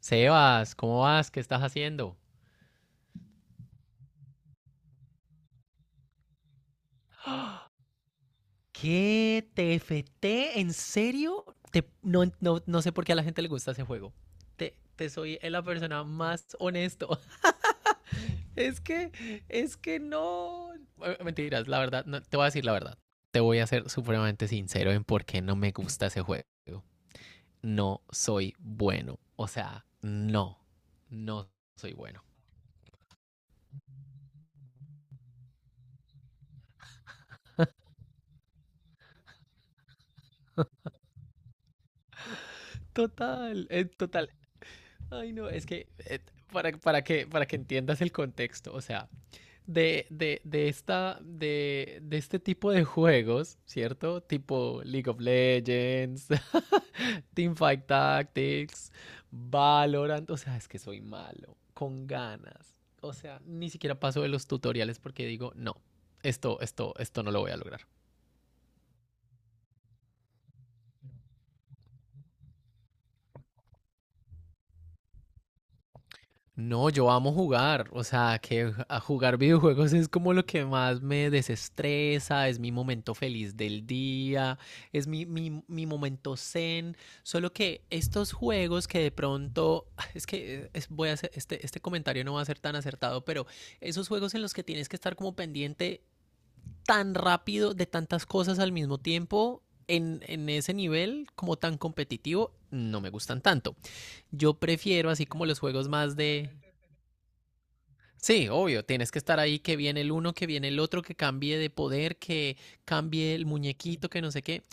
Sebas, ¿cómo vas? ¿Qué estás haciendo? ¿Qué? ¿TFT? ¿En serio? No, no sé por qué a la gente le gusta ese juego. Te soy la persona más honesto. Es que, es que no. Mentiras, la verdad, no, te voy a decir la verdad. Te voy a ser supremamente sincero en por qué no me gusta ese juego. No soy bueno. O sea, no, no soy bueno. Total, total. Ay, no, es que para que entiendas el contexto, o sea, de este tipo de juegos, ¿cierto? Tipo League of Legends, Teamfight Tactics, Valorant, o sea, es que soy malo, con ganas. O sea, ni siquiera paso de los tutoriales porque digo, no, esto no lo voy a lograr. No, yo amo jugar, o sea, que a jugar videojuegos es como lo que más me desestresa, es mi momento feliz del día, es mi momento zen, solo que estos juegos que de pronto, es que voy a hacer, este comentario no va a ser tan acertado, pero esos juegos en los que tienes que estar como pendiente tan rápido de tantas cosas al mismo tiempo, en ese nivel como tan competitivo, no me gustan tanto. Yo prefiero así como los juegos más. Sí, obvio, tienes que estar ahí, que viene el uno, que viene el otro, que cambie de poder, que cambie el muñequito, que no sé qué.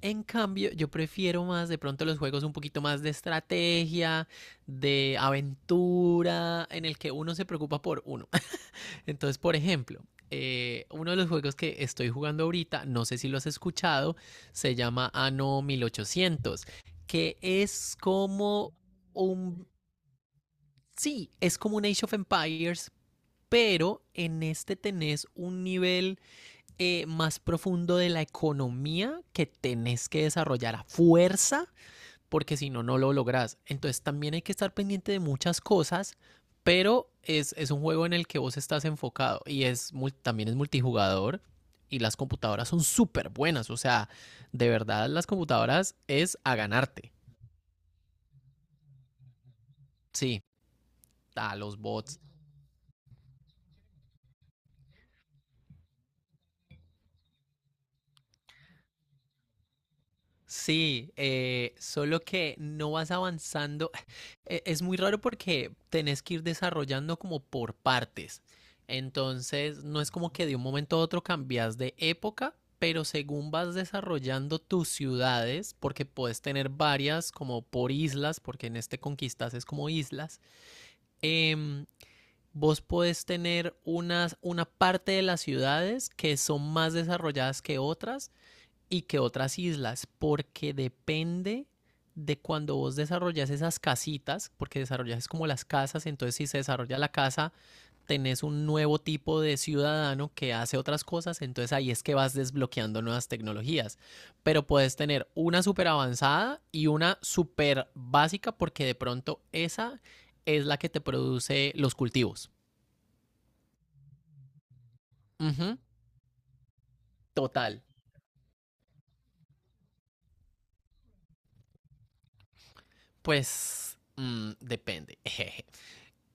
En cambio, yo prefiero más de pronto los juegos un poquito más de estrategia, de aventura, en el que uno se preocupa por uno. Entonces, por ejemplo, uno de los juegos que estoy jugando ahorita, no sé si lo has escuchado, se llama Anno 1800, que es como un. Sí, es como un Age of Empires, pero en este tenés un nivel más profundo de la economía que tenés que desarrollar a fuerza, porque si no, no lo lográs. Entonces también hay que estar pendiente de muchas cosas, pero es un juego en el que vos estás enfocado y es también es multijugador y las computadoras son súper buenas, o sea, de verdad las computadoras es a ganarte, sí, a los bots. Sí, solo que no vas avanzando. Es muy raro porque tenés que ir desarrollando como por partes. Entonces, no es como que de un momento a otro cambias de época, pero según vas desarrollando tus ciudades, porque puedes tener varias como por islas, porque en este conquistas es como islas, em, vos podés tener unas, una parte de las ciudades que son más desarrolladas que otras y que otras islas, porque depende de cuando vos desarrollas esas casitas, porque desarrollas es como las casas, entonces si se desarrolla la casa, tenés un nuevo tipo de ciudadano que hace otras cosas, entonces ahí es que vas desbloqueando nuevas tecnologías. Pero puedes tener una súper avanzada y una súper básica, porque de pronto esa es la que te produce los cultivos. Uh -huh, total. Pues depende. Jeje.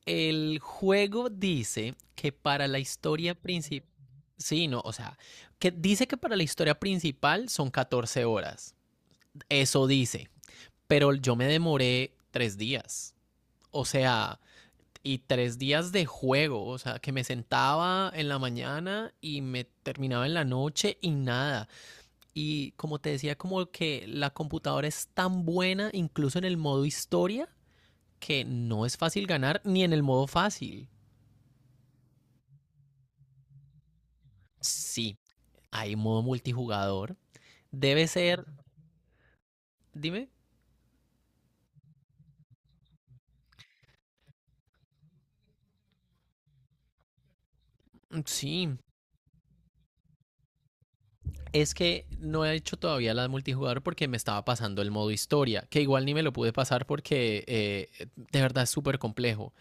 El juego dice que para la historia principal, sí, no, o sea, que dice que para la historia principal son 14 horas. Eso dice, pero yo me demoré 3 días. O sea, y 3 días de juego, o sea, que me sentaba en la mañana y me terminaba en la noche y nada. Y como te decía, como que la computadora es tan buena, incluso en el modo historia, que no es fácil ganar ni en el modo fácil. Sí, hay modo multijugador. Debe ser, dime. Sí, es que no he hecho todavía la de multijugador porque me estaba pasando el modo historia, que igual ni me lo pude pasar porque de verdad es súper complejo.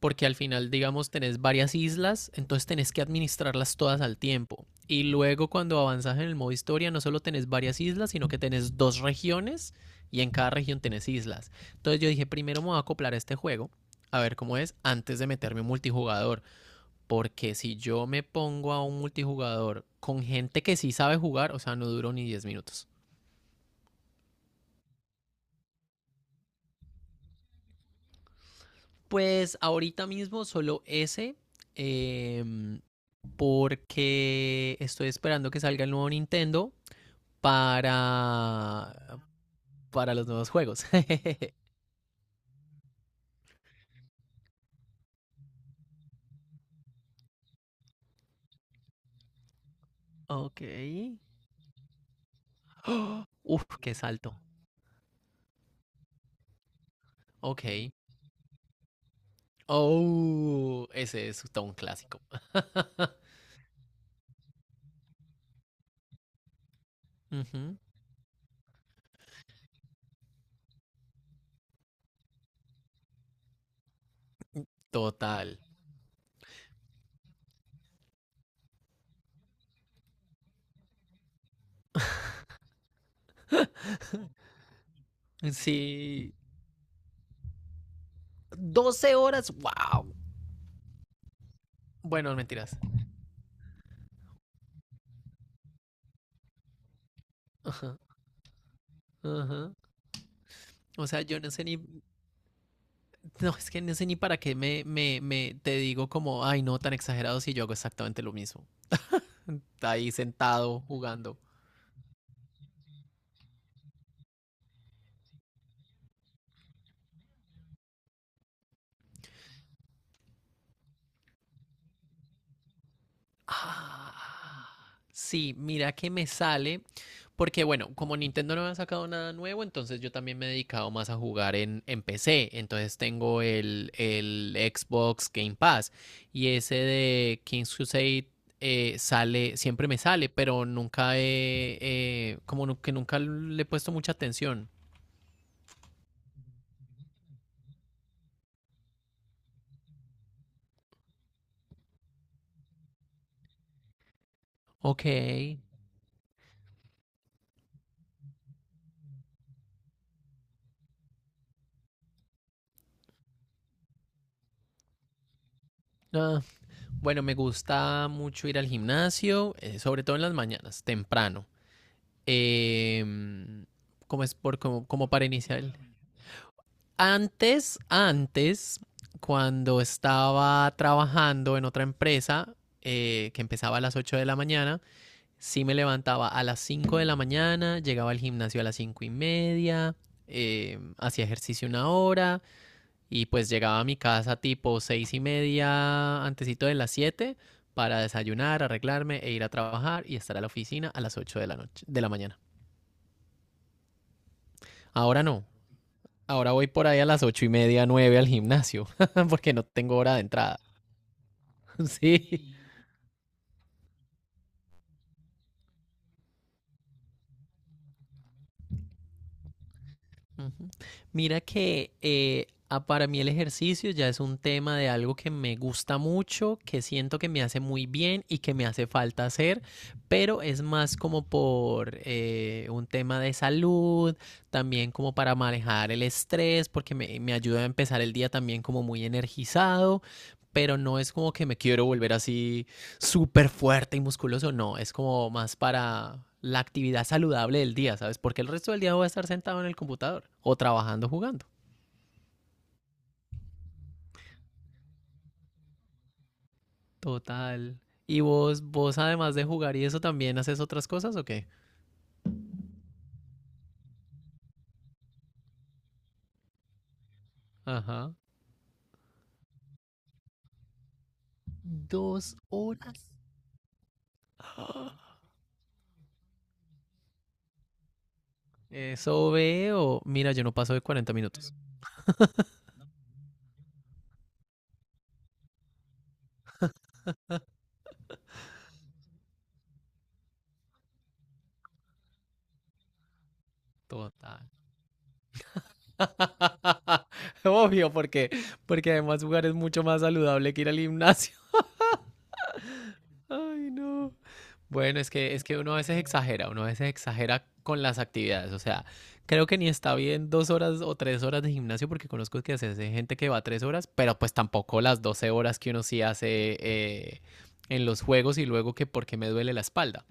Porque al final, digamos, tenés varias islas, entonces tenés que administrarlas todas al tiempo. Y luego cuando avanzas en el modo historia, no solo tenés varias islas, sino que tenés dos regiones y en cada región tenés islas. Entonces yo dije, primero me voy a acoplar a este juego, a ver cómo es, antes de meterme un multijugador. Porque si yo me pongo a un multijugador con gente que sí sabe jugar, o sea, no duró ni 10 minutos. Pues ahorita mismo solo ese, eh, porque estoy esperando que salga el nuevo Nintendo para, para los nuevos juegos. Ok. ¡Oh! Uf, qué salto. Ok. Oh, ese es todo un clásico. Ujú, total. Sí. 12 horas. Wow. Bueno, no, mentiras. Ajá, ajá. O sea, yo no sé ni, no, es que no sé ni para qué me, te digo como, ay, no, tan exagerado si yo hago exactamente lo mismo. Ahí sentado jugando. Ah, sí, mira que me sale, porque bueno, como Nintendo no ha sacado nada nuevo, entonces yo también me he dedicado más a jugar en PC, entonces tengo el Xbox Game Pass y ese de King's Crusade sale, siempre me sale, pero nunca he, como que nunca le he puesto mucha atención. Ok. Ah, bueno, me gusta mucho ir al gimnasio, sobre todo en las mañanas, temprano. eh, ¿Cómo es por, como, como para iniciar? Antes, antes, cuando estaba trabajando en otra empresa, que empezaba a las 8 de la mañana, sí me levantaba a las 5 de la mañana, llegaba al gimnasio a las 5:30, hacía ejercicio una hora y pues llegaba a mi casa tipo 6:30, antesito de las 7 para desayunar, arreglarme e ir a trabajar y estar a la oficina a las 8 de la noche, de la mañana. Ahora no, ahora voy por ahí a las 8:30, 9 al gimnasio, porque no tengo hora de entrada. Sí. Ujú. Mira que para mí el ejercicio ya es un tema de algo que me gusta mucho, que siento que me hace muy bien y que me hace falta hacer, pero es más como por un tema de salud, también como para manejar el estrés, porque me ayuda a empezar el día también como muy energizado, pero no es como que me quiero volver así súper fuerte y musculoso, no, es como más para la actividad saludable del día, ¿sabes? Porque el resto del día voy a estar sentado en el computador o trabajando, jugando. Total. ¿Y vos, vos además de jugar y eso también haces otras cosas o qué? Ajá. Dos horas. Eso veo. Mira, yo no paso de 40 minutos. Total. Obvio, porque, porque además jugar es mucho más saludable que ir al gimnasio. Ay, no. Bueno, es que uno a veces exagera, uno a veces exagera con las actividades. O sea, creo que ni está bien 2 horas o 3 horas de gimnasio porque conozco que hace gente que va 3 horas, pero pues tampoco las 12 horas que uno sí hace en los juegos y luego que porque me duele la espalda.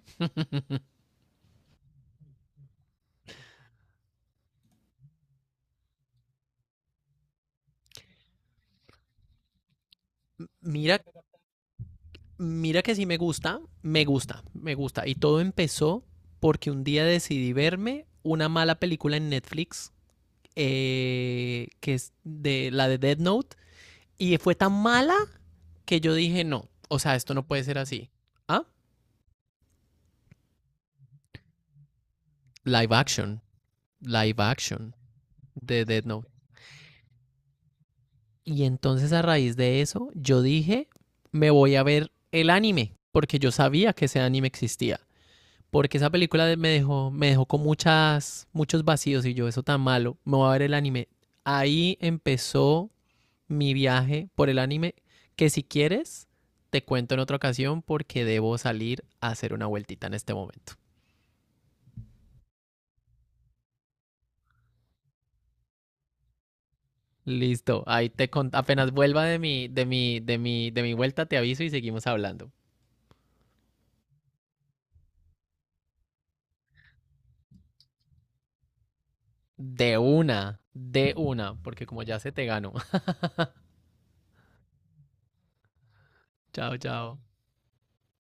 Mira, mira que sí me gusta, me gusta, me gusta. Y todo empezó porque un día decidí verme una mala película en Netflix, que es de la de Death Note. Y fue tan mala que yo dije, no, o sea, esto no puede ser así. Ah, live action, live action de Dead Note. Y entonces a raíz de eso, yo dije, me voy a ver el anime, porque yo sabía que ese anime existía. Porque esa película me dejó con muchas, muchos vacíos y yo, eso tan malo, me voy a ver el anime. Ahí empezó mi viaje por el anime, que si quieres, te cuento en otra ocasión porque debo salir a hacer una vueltita en este momento. Listo, ahí apenas vuelva de mi vuelta, te aviso y seguimos hablando. De una, porque como ya se te ganó. Chao, chao.